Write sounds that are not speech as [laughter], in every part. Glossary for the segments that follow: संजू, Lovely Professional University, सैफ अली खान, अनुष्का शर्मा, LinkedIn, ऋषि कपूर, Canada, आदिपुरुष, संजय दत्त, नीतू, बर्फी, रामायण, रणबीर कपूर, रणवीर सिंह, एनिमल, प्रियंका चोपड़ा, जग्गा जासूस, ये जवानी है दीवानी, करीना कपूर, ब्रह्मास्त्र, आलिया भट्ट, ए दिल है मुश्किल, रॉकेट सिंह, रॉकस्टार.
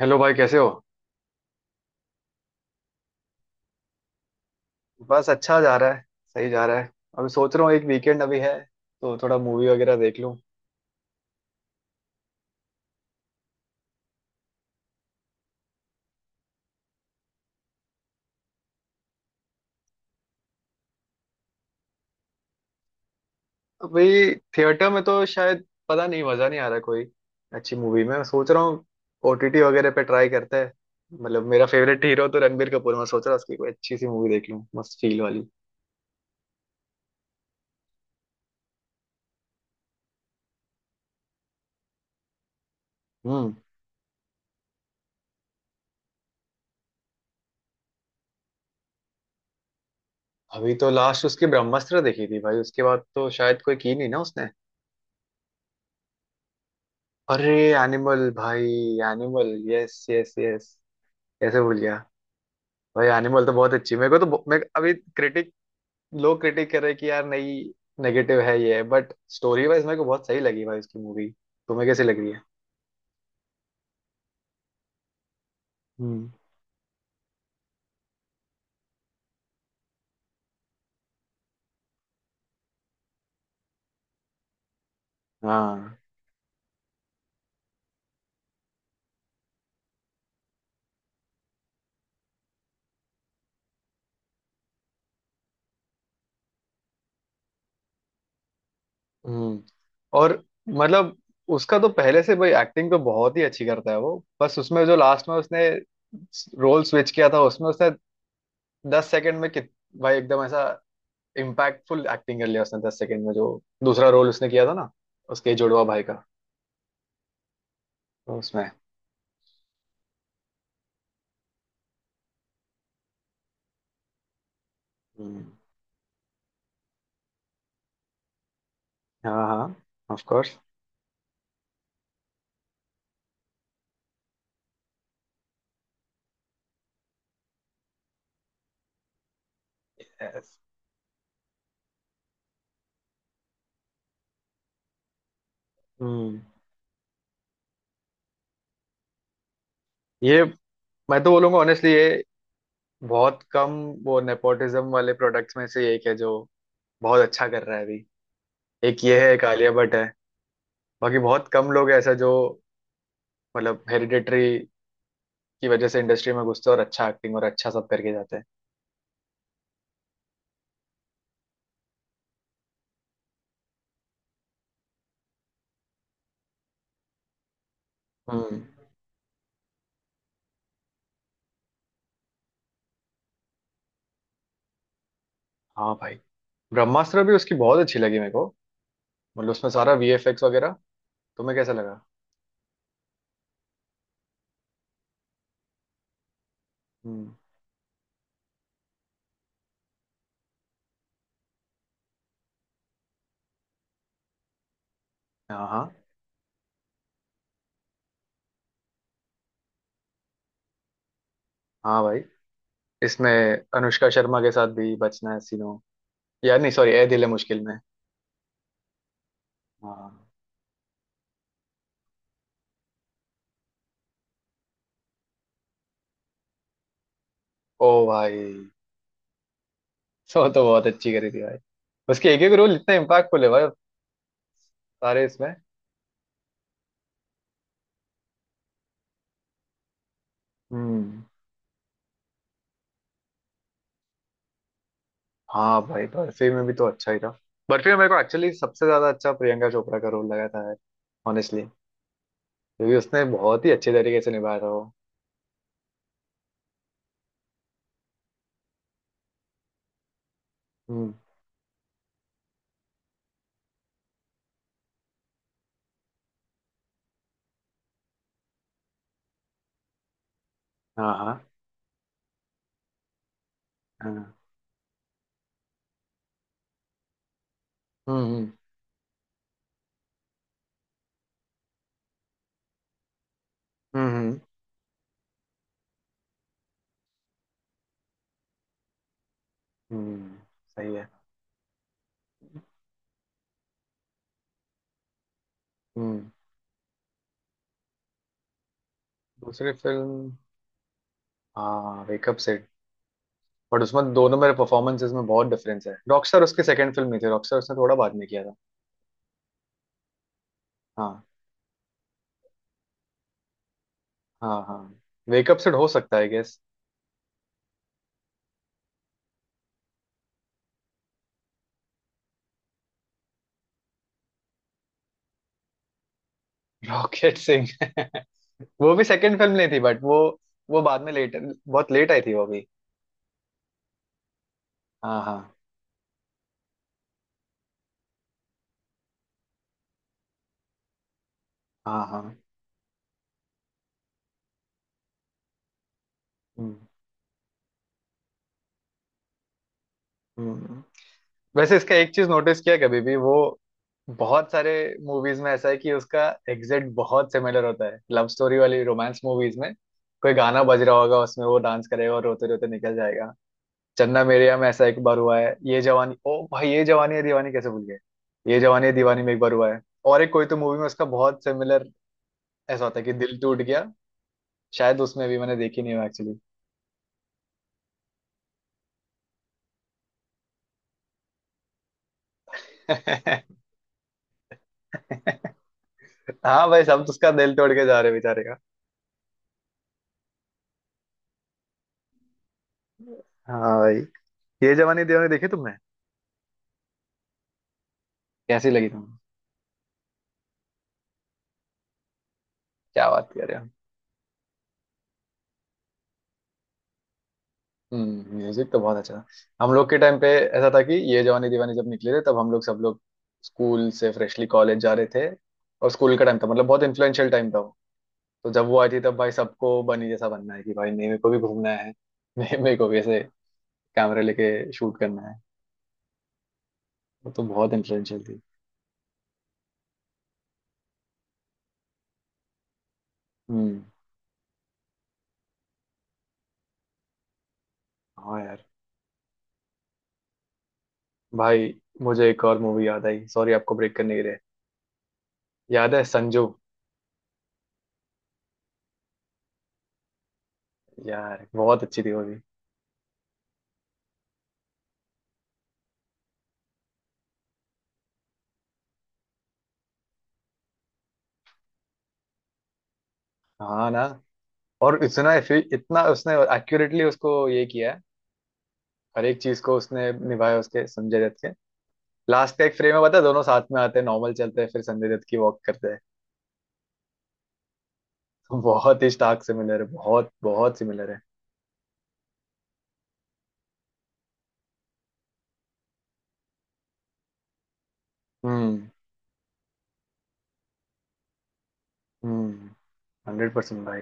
Hello भाई कैसे हो। बस अच्छा जा रहा है। सही जा रहा है। अभी सोच रहा हूँ एक वीकेंड अभी है तो थोड़ा मूवी वगैरह देख लूँ। अभी थिएटर में तो शायद पता नहीं, मज़ा नहीं आ रहा कोई अच्छी मूवी में, मैं सोच रहा हूँ ओटीटी वगैरह पे ट्राई करते हैं। मतलब मेरा फेवरेट हीरो तो रणबीर कपूर, मैं सोच रहा हूँ उसकी कोई अच्छी सी मूवी देख लूँ मस्त फील वाली। हम्म। अभी तो लास्ट उसकी ब्रह्मास्त्र देखी थी भाई, उसके बाद तो शायद कोई की नहीं ना उसने। अरे। एनिमल भाई। एनिमल, yes yes yes. कैसे भूल गया। भाई एनिमल तो बहुत अच्छी मेरे को तो मैं अभी क्रिटिक, लोग क्रिटिक कर रहे हैं कि यार नहीं, नेगेटिव है ये, बट स्टोरी वाइज मेरे को बहुत सही लगी भाई उसकी मूवी। तुम्हें कैसी लग रही है। हम्म। हाँ। हम्म। और। मतलब। उसका तो पहले से भाई एक्टिंग तो बहुत ही अच्छी करता है वो, बस उसमें जो लास्ट में उसने रोल स्विच किया था, उसमें उसने 10 सेकंड में कित भाई एकदम ऐसा इम्पैक्टफुल एक्टिंग कर लिया उसने 10 सेकंड में। जो दूसरा रोल उसने किया था ना उसके जुड़वा भाई का, तो उसमें। हम्म। हाँ हाँ। Of course. Yes. हम्म। ये मैं तो बोलूंगा ऑनेस्टली, ये बहुत कम वो नेपोटिज्म वाले प्रोडक्ट्स में से एक है जो बहुत अच्छा कर रहा है अभी। एक ये है एक आलिया भट्ट है। बाकी बहुत कम लोग ऐसा जो मतलब हेरिडिटरी की वजह से इंडस्ट्री में घुसते हैं और अच्छा एक्टिंग और अच्छा सब करके जाते हैं। हम्म। हाँ भाई। ब्रह्मास्त्र भी उसकी बहुत अच्छी लगी मेरे को, मतलब उसमें सारा वीएफएक्स वगैरह। तुम्हें कैसा लगा। हम्म। हाँ हाँ। हाँ भाई इसमें अनुष्का शर्मा के साथ भी बचना है सीनो, यार नहीं सॉरी ए दिल है मुश्किल में। हाँ। ओ भाई सो तो बहुत अच्छी करी थी भाई। उसके एक एक रोल इतना इम्पैक्टफुल है भाई, सारे इसमें। हम्म। हाँ भाई बर्फी में भी तो अच्छा ही था। बर्फी में मेरे को एक्चुअली सबसे ज्यादा अच्छा प्रियंका चोपड़ा का रोल लगा था यार, ऑनेस्टली। क्योंकि उसने बहुत ही अच्छे तरीके से निभाया था वो। हम्म। हाँ हाँ हाँ। हम्म हम्म हम्म। हम्म। सही है। हम्म। दूसरी फिल्म, हाँ वेकअप सेट। बट उसमें दोनों मेरे परफॉर्मेंसेस में बहुत डिफरेंस है, रॉकस्टार उसकी सेकंड फिल्म नहीं थी, रॉकस्टार उसने थोड़ा बाद में किया था। हाँ हाँ। हाँ। वेकअप सिड हो सकता है गेस। रॉकेट सिंह [laughs] वो भी सेकंड फिल्म नहीं थी, बट वो बाद में लेट, बहुत लेट आई थी वो भी। हाँ हाँ हाँ हाँ। हम्म। हम्म। वैसे इसका एक चीज नोटिस किया कभी भी, वो बहुत सारे मूवीज में ऐसा है कि उसका एग्जैक्ट बहुत सिमिलर होता है, लव स्टोरी वाली रोमांस मूवीज में कोई गाना बज रहा होगा, उसमें वो डांस करेगा और रोते रोते निकल जाएगा। चन्ना मेरेया में ऐसा एक बार हुआ है, ये जवानी ओ भाई ये जवानी है दीवानी कैसे भूल गए। ये जवानी है दीवानी में एक बार हुआ है। और एक कोई तो मूवी में उसका बहुत सिमिलर ऐसा होता है कि दिल टूट गया, शायद उसमें भी मैंने देखी नहीं एक्चुअली। [laughs] हाँ भाई सब तो उसका दिल तोड़ के जा रहे बेचारे का। हाँ भाई, ये जवानी दीवानी देखी तुमने। कैसी लगी तुम्हें। क्या बात कर रहे हो। म्यूजिक तो बहुत अच्छा था। हम लोग के टाइम पे ऐसा था कि ये जवानी दीवानी जब निकले थे, तब हम लोग सब लोग स्कूल से फ्रेशली कॉलेज जा रहे थे। और स्कूल का टाइम था, मतलब बहुत इन्फ्लुएंशियल टाइम था। तो जब वो आई थी तब भाई सबको बनी जैसा बनना है कि भाई नहीं मेरे को भी घूमना है। [laughs] मेरे को भी ऐसे कैमरे लेके शूट करना है। वो तो बहुत इन्फ्लुएंशियल थी। हम्म। हाँ यार। भाई मुझे एक और मूवी याद आई, सॉरी आपको ब्रेक करने के लिए। याद है संजू। यार बहुत अच्छी थी वो भी। हाँ ना, और इतना इतना उसने एक्यूरेटली उसको ये किया है। हर एक चीज को उसने निभाया उसके संजय दत्त के। लास्ट का एक फ्रेम है, पता है दोनों साथ में आते हैं नॉर्मल चलते हैं फिर संजय दत्त की वॉक करते हैं। [laughs] बहुत ही स्टार्क सिमिलर है, बहुत बहुत सिमिलर है। हम्म हम्म 100% भाई।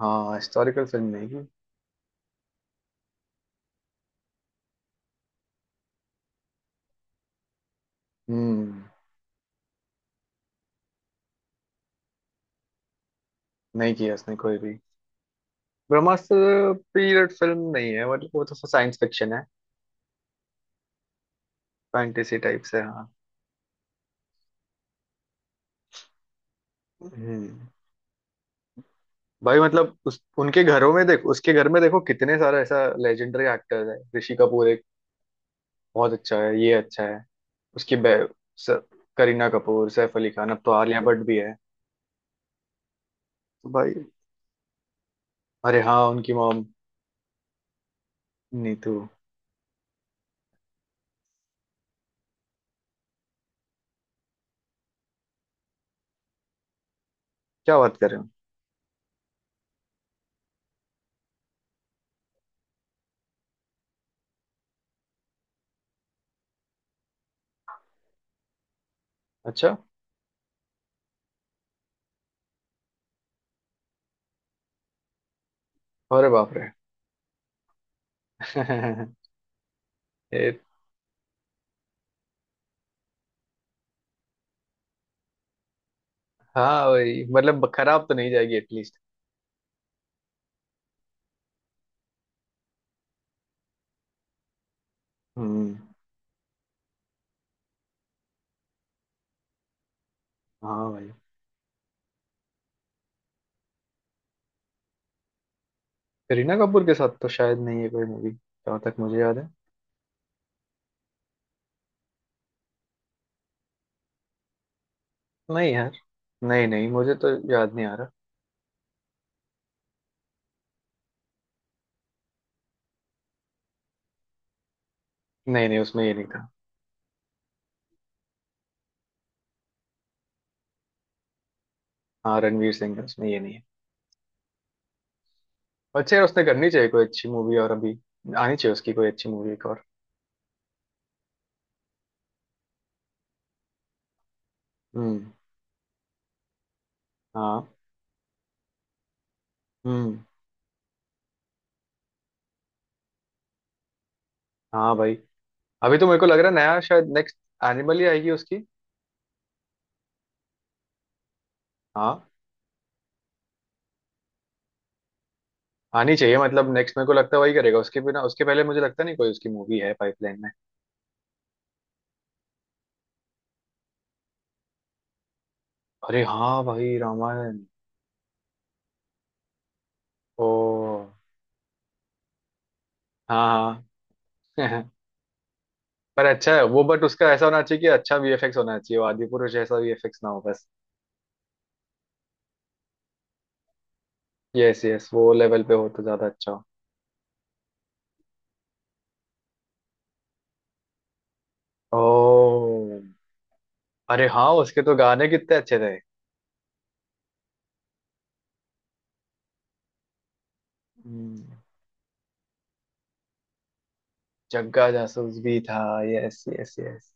हाँ हिस्टोरिकल फिल्म नहीं की। हम्म। नहीं किया उसने कोई भी। ब्रह्मास्त्र। पीरियड फिल्म नहीं है, मतलब वो तो साइंस फिक्शन है। फैंटेसी टाइप से हाँ। हम्म। भाई मतलब उस उनके घरों में देख, उसके घर में देखो कितने सारे ऐसा लेजेंडरी एक्टर्स है, ऋषि कपूर एक, बहुत अच्छा है ये अच्छा है। उसकी बे स- करीना कपूर, सैफ अली खान, अब तो आलिया भट्ट भी है। तो भाई। अरे हाँ उनकी मॉम। नीतू। क्या बात कर रहे हो। अच्छा। अरे बाप रे [laughs] ए, हाँ भाई मतलब खराब तो नहीं जाएगी एटलीस्ट। हम्म। हाँ भाई। करीना कपूर के साथ तो शायद नहीं है कोई मूवी, जहाँ तक मुझे याद है। नहीं यार। नहीं नहीं मुझे तो याद नहीं आ रहा। नहीं नहीं उसमें ये नहीं था। हाँ रणवीर सिंह है, उसमें ये नहीं है। अच्छा यार उसने करनी चाहिए कोई अच्छी मूवी, और अभी आनी चाहिए उसकी कोई अच्छी मूवी एक और। हम्म। हाँ। हम्म। हाँ भाई, अभी तो मेरे को लग रहा है नया शायद नेक्स्ट एनिमल ही आएगी उसकी। हाँ। आनी चाहिए, मतलब नेक्स्ट मेरे को लगता है वही करेगा, उसके बिना उसके पहले मुझे लगता नहीं कोई उसकी मूवी है पाइपलाइन। अरे हाँ भाई रामायण। ओ। हाँ। हाँ [laughs] पर अच्छा है वो, बट उसका ऐसा होना चाहिए कि अच्छा वीएफएक्स होना चाहिए, वो आदिपुरुष जैसा वीएफएक्स ना हो बस। यस यस, वो लेवल पे हो तो ज्यादा अच्छा हो। ओ। अरे हाँ उसके तो गाने कितने अच्छे थे। हम्म, जग्गा जासूस भी था। Yes yes yes.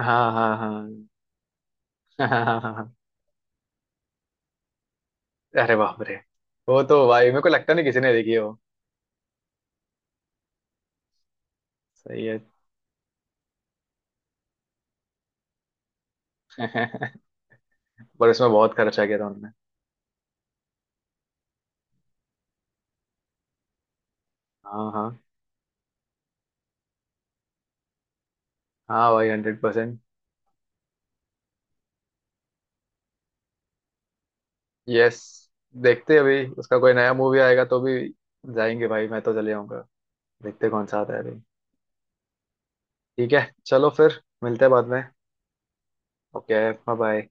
हाँ हाँ हाँ [laughs] हाँ हाँ हाँ। अरे बाप रे, वो तो भाई मेरे को लगता नहीं किसी ने देखी है वो। सही है [laughs] पर उसमें बहुत खर्चा किया था उन्होंने। हाँ हाँ। हाँ भाई 100%। यस, देखते हैं अभी उसका कोई नया मूवी आएगा तो भी जाएंगे भाई, मैं तो चले आऊंगा। देखते हैं कौन सा आता है अभी। ठीक है चलो फिर मिलते हैं बाद में। Okay bye bye.